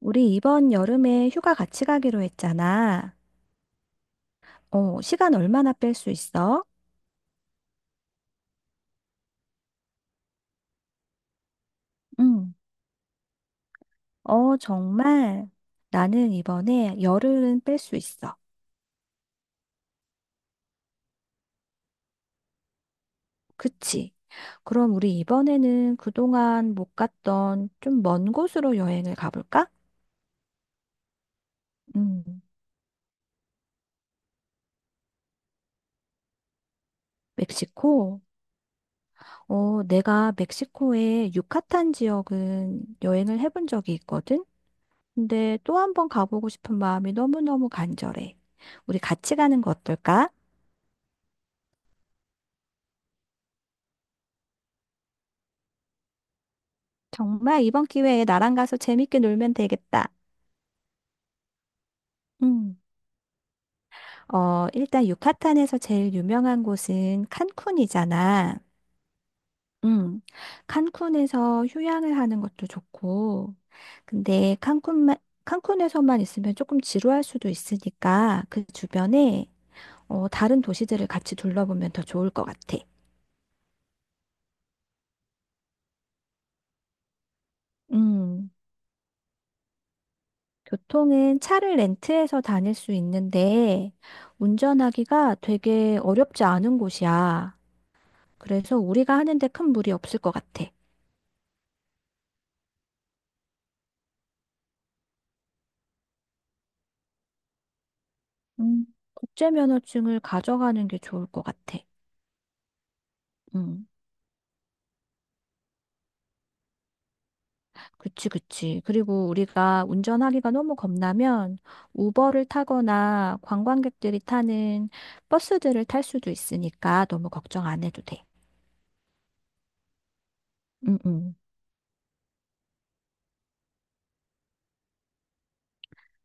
우리 이번 여름에 휴가 같이 가기로 했잖아. 시간 얼마나 뺄 수 있어? 응, 정말. 나는 이번에 열흘은 뺄 수 있어. 그치? 그럼 우리 이번에는 그동안 못 갔던 좀 먼 곳으로 여행을 가볼까? 응. 멕시코? 어, 내가 멕시코의 유카탄 지역은 여행을 해본 적이 있거든? 근데 또 한 번 가보고 싶은 마음이 너무너무 간절해. 우리 같이 가는 거 어떨까? 정말 이번 기회에 나랑 가서 재밌게 놀면 되겠다. 음. 어, 일단 유카탄에서 제일 유명한 곳은 칸쿤이잖아. 음. 칸쿤에서 휴양을 하는 것도 좋고. 근데 칸쿤만 칸쿤에서만 있으면 조금 지루할 수도 있으니까 그 주변에 다른 도시들을 같이 둘러보면 더 좋을 것 같아. 음. 교통은 차를 렌트해서 다닐 수 있는데 운전하기가 되게 어렵지 않은 곳이야. 그래서 우리가 하는데 큰 무리 없을 것 같아. 음, 국제 면허증을 가져가는 게 좋을 것 같아. 음, 그치, 그치. 그리고 우리가 운전하기가 너무 겁나면 우버를 타거나 관광객들이 타는 버스들을 탈 수도 있으니까 너무 걱정 안 해도 돼. 음, 음.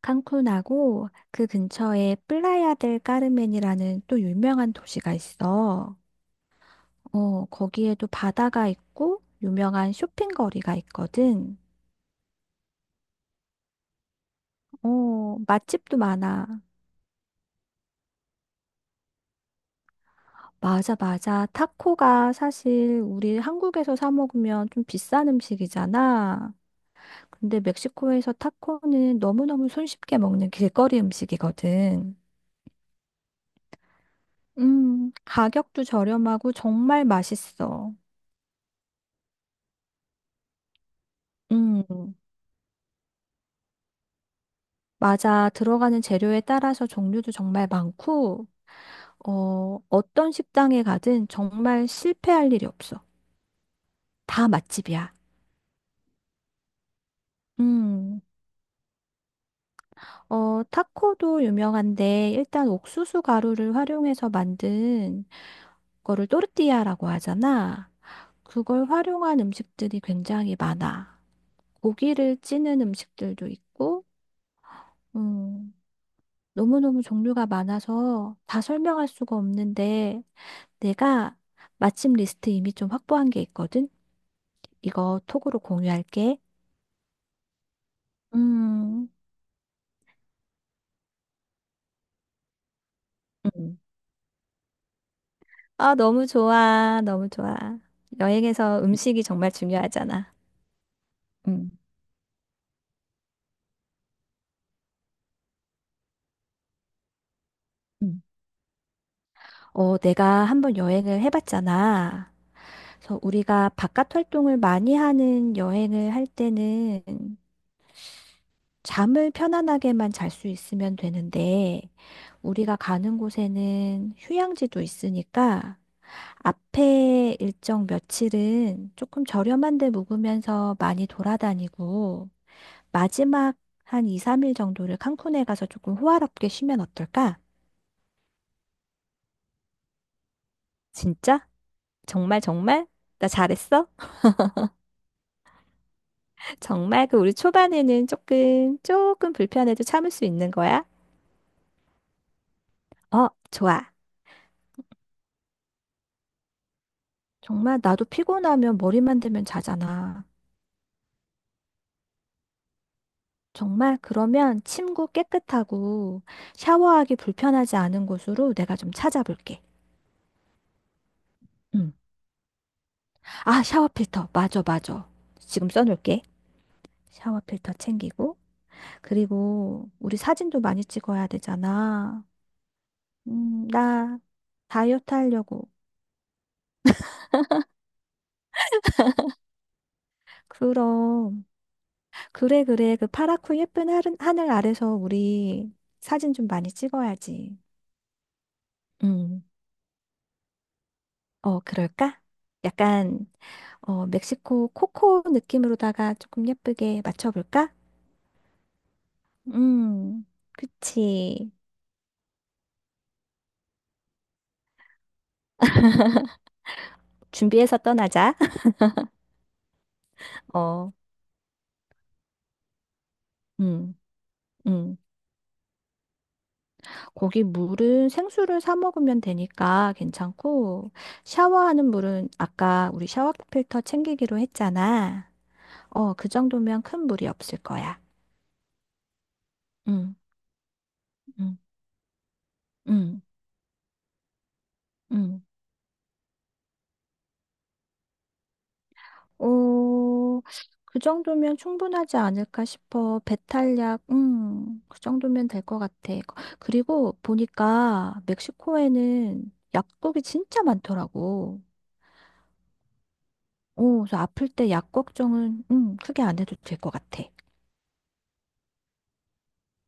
칸쿤하고 그 근처에 플라야 델 까르멘이라는 또 유명한 도시가 있어. 어, 거기에도 바다가 있고 유명한 쇼핑거리가 있거든. 어, 맛집도 많아. 맞아, 맞아. 타코가 사실 우리 한국에서 사 먹으면 좀 비싼 음식이잖아. 근데 멕시코에서 타코는 너무너무 손쉽게 먹는 길거리 음식이거든. 가격도 저렴하고 정말 맛있어. 음, 맞아. 들어가는 재료에 따라서 종류도 정말 많고, 어떤 식당에 가든 정말 실패할 일이 없어. 다 맛집이야. 음. 어, 타코도 유명한데 일단 옥수수 가루를 활용해서 만든 거를 또르띠아라고 하잖아. 그걸 활용한 음식들이 굉장히 많아. 고기를 찌는 음식들도 있고, 음, 너무너무 종류가 많아서 다 설명할 수가 없는데 내가 마침 리스트 이미 좀 확보한 게 있거든. 이거 톡으로 공유할게. 음, 음. 아, 너무 좋아. 너무 좋아. 여행에서 음식이 정말 중요하잖아. 음. 음. 어, 내가 한번 여행을 해봤잖아. 그래서 우리가 바깥 활동을 많이 하는 여행을 할 때는 잠을 편안하게만 잘 수 있으면 되는데, 우리가 가는 곳에는 휴양지도 있으니까, 앞에 일정 며칠은 조금 저렴한 데 묵으면서 많이 돌아다니고, 마지막 한 2, 3일 정도를 칸쿤에 가서 조금 호화롭게 쉬면 어떨까? 진짜? 정말 정말? 나 잘했어? 정말 그 우리 초반에는 조금, 조금 불편해도 참을 수 있는 거야? 어, 좋아. 정말 나도 피곤하면 머리만 대면 자잖아. 정말 그러면 침구 깨끗하고 샤워하기 불편하지 않은 곳으로 내가 좀 찾아볼게. 응. 아, 샤워 필터. 맞아, 맞아. 지금 써놓을게. 샤워 필터 챙기고. 그리고 우리 사진도 많이 찍어야 되잖아. 나 다이어트 하려고. 그럼. 그래, 그래. 그 파랗고 예쁜 하늘 아래서 우리 사진 좀 많이 찍어야지. 음, 어, 그럴까? 약간, 어, 멕시코 코코 느낌으로다가 조금 예쁘게 맞춰볼까? 음, 그치. 준비해서 떠나자. 어, 음, 음. 거기 물은 생수를 사 먹으면 되니까 괜찮고, 샤워하는 물은 아까 우리 샤워 필터 챙기기로 했잖아. 어, 그 정도면 큰 물이 없을 거야. 음, 음. 음, 음. 어, 그 정도면 충분하지 않을까 싶어. 배탈약, 그 정도면 될 것 같아. 그리고 보니까 멕시코에는 약국이 진짜 많더라고. 어, 그래서 아플 때 약 걱정은, 크게 안 해도 될 것 같아.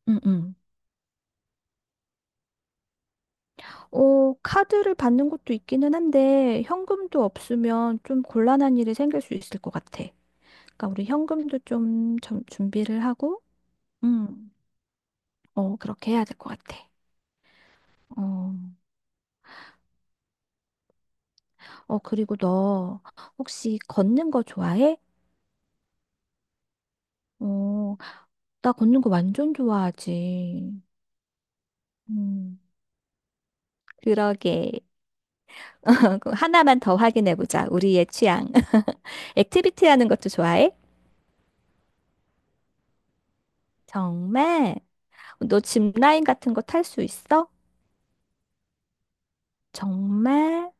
응, 응, 어, 카드를 받는 것도 있기는 한데, 현금도 없으면 좀 곤란한 일이 생길 수 있을 것 같아. 그러니까 우리 현금도 좀, 좀 준비를 하고, 음, 어, 그렇게 해야 될 것 같아. 어, 어, 그리고 너 혹시 걷는 거 좋아해? 어, 나 걷는 거 완전 좋아하지. 음, 그러게. 그럼 하나만 더 확인해 보자. 우리의 취향. 액티비티 하는 것도 좋아해? 정말? 너 짚라인 같은 거 탈 수 있어? 정말?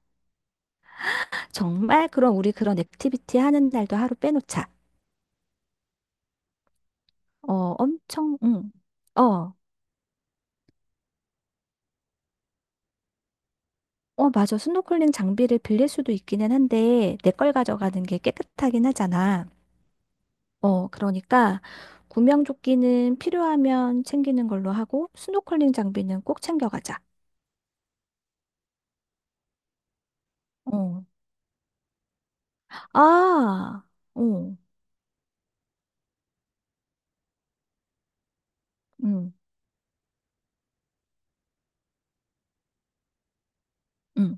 정말? 그럼 우리 그런 액티비티 하는 날도 하루 빼놓자. 어, 엄청, 응. 어. 어, 맞아. 스노클링 장비를 빌릴 수도 있기는 한데, 내 걸 가져가는 게 깨끗하긴 하잖아. 어, 그러니까 구명조끼는 필요하면 챙기는 걸로 하고 스노클링 장비는 꼭 챙겨가자. 어, 아, 어, 음, 응,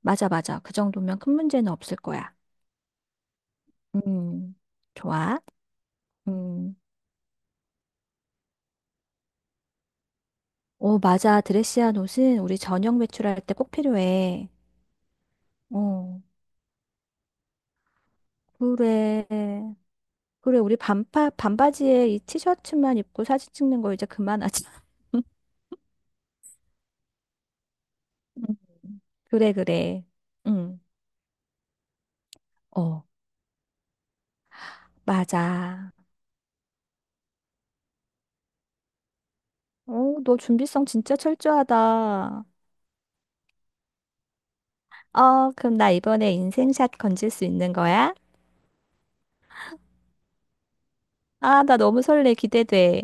맞아, 맞아. 그 정도면 큰 문제는 없을 거야. 음, 좋아. 음, 오, 맞아. 드레시한 옷은 우리 저녁 외출할 때 꼭 필요해. 어, 그래. 그래, 우리 반파, 반바지에 이 티셔츠만 입고 사진 찍는 거 이제 그만하자. 그래, 그래. 응. 어. 맞아. 오, 너 준비성 진짜 철저하다. 어, 그럼 나 이번에 인생샷 건질 수 있는 거야? 아, 나 너무 설레. 기대돼.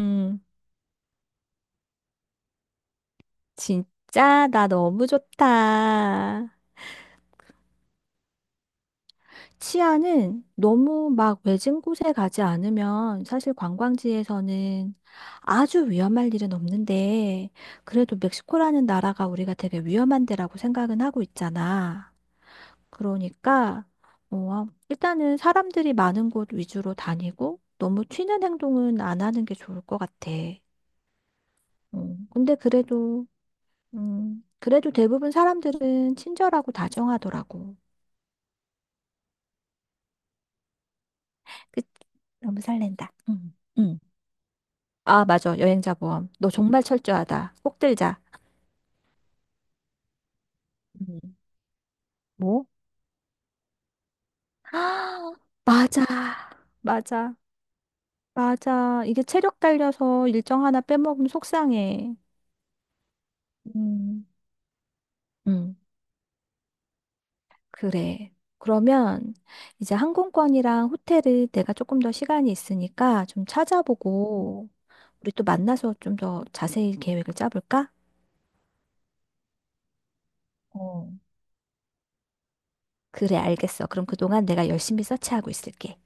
음, 진짜 나 너무 좋다. 치아는 너무 막 외진 곳에 가지 않으면 사실 관광지에서는 아주 위험할 일은 없는데 그래도 멕시코라는 나라가 우리가 되게 위험한 데라고 생각은 하고 있잖아. 그러니까, 어, 일단은 사람들이 많은 곳 위주로 다니고, 너무 튀는 행동은 안 하는 게 좋을 것 같아. 근데 그래도, 그래도 대부분 사람들은 친절하고 다정하더라고. 그, 너무 설렌다. 응, 응. 아, 맞아. 여행자 보험. 너 정말 철저하다. 꼭 들자. 음. 뭐? 아, 맞아. 맞아. 맞아. 이게 체력 딸려서 일정 하나 빼먹으면 속상해. 음. 응. 그래. 그러면 이제 항공권이랑 호텔을 내가 조금 더 시간이 있으니까 좀 찾아보고 우리 또 만나서 좀 더 자세히 계획을 짜볼까? 어. 그래, 알겠어. 그럼 그동안 내가 열심히 서치하고 있을게.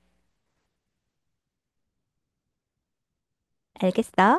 알겠어?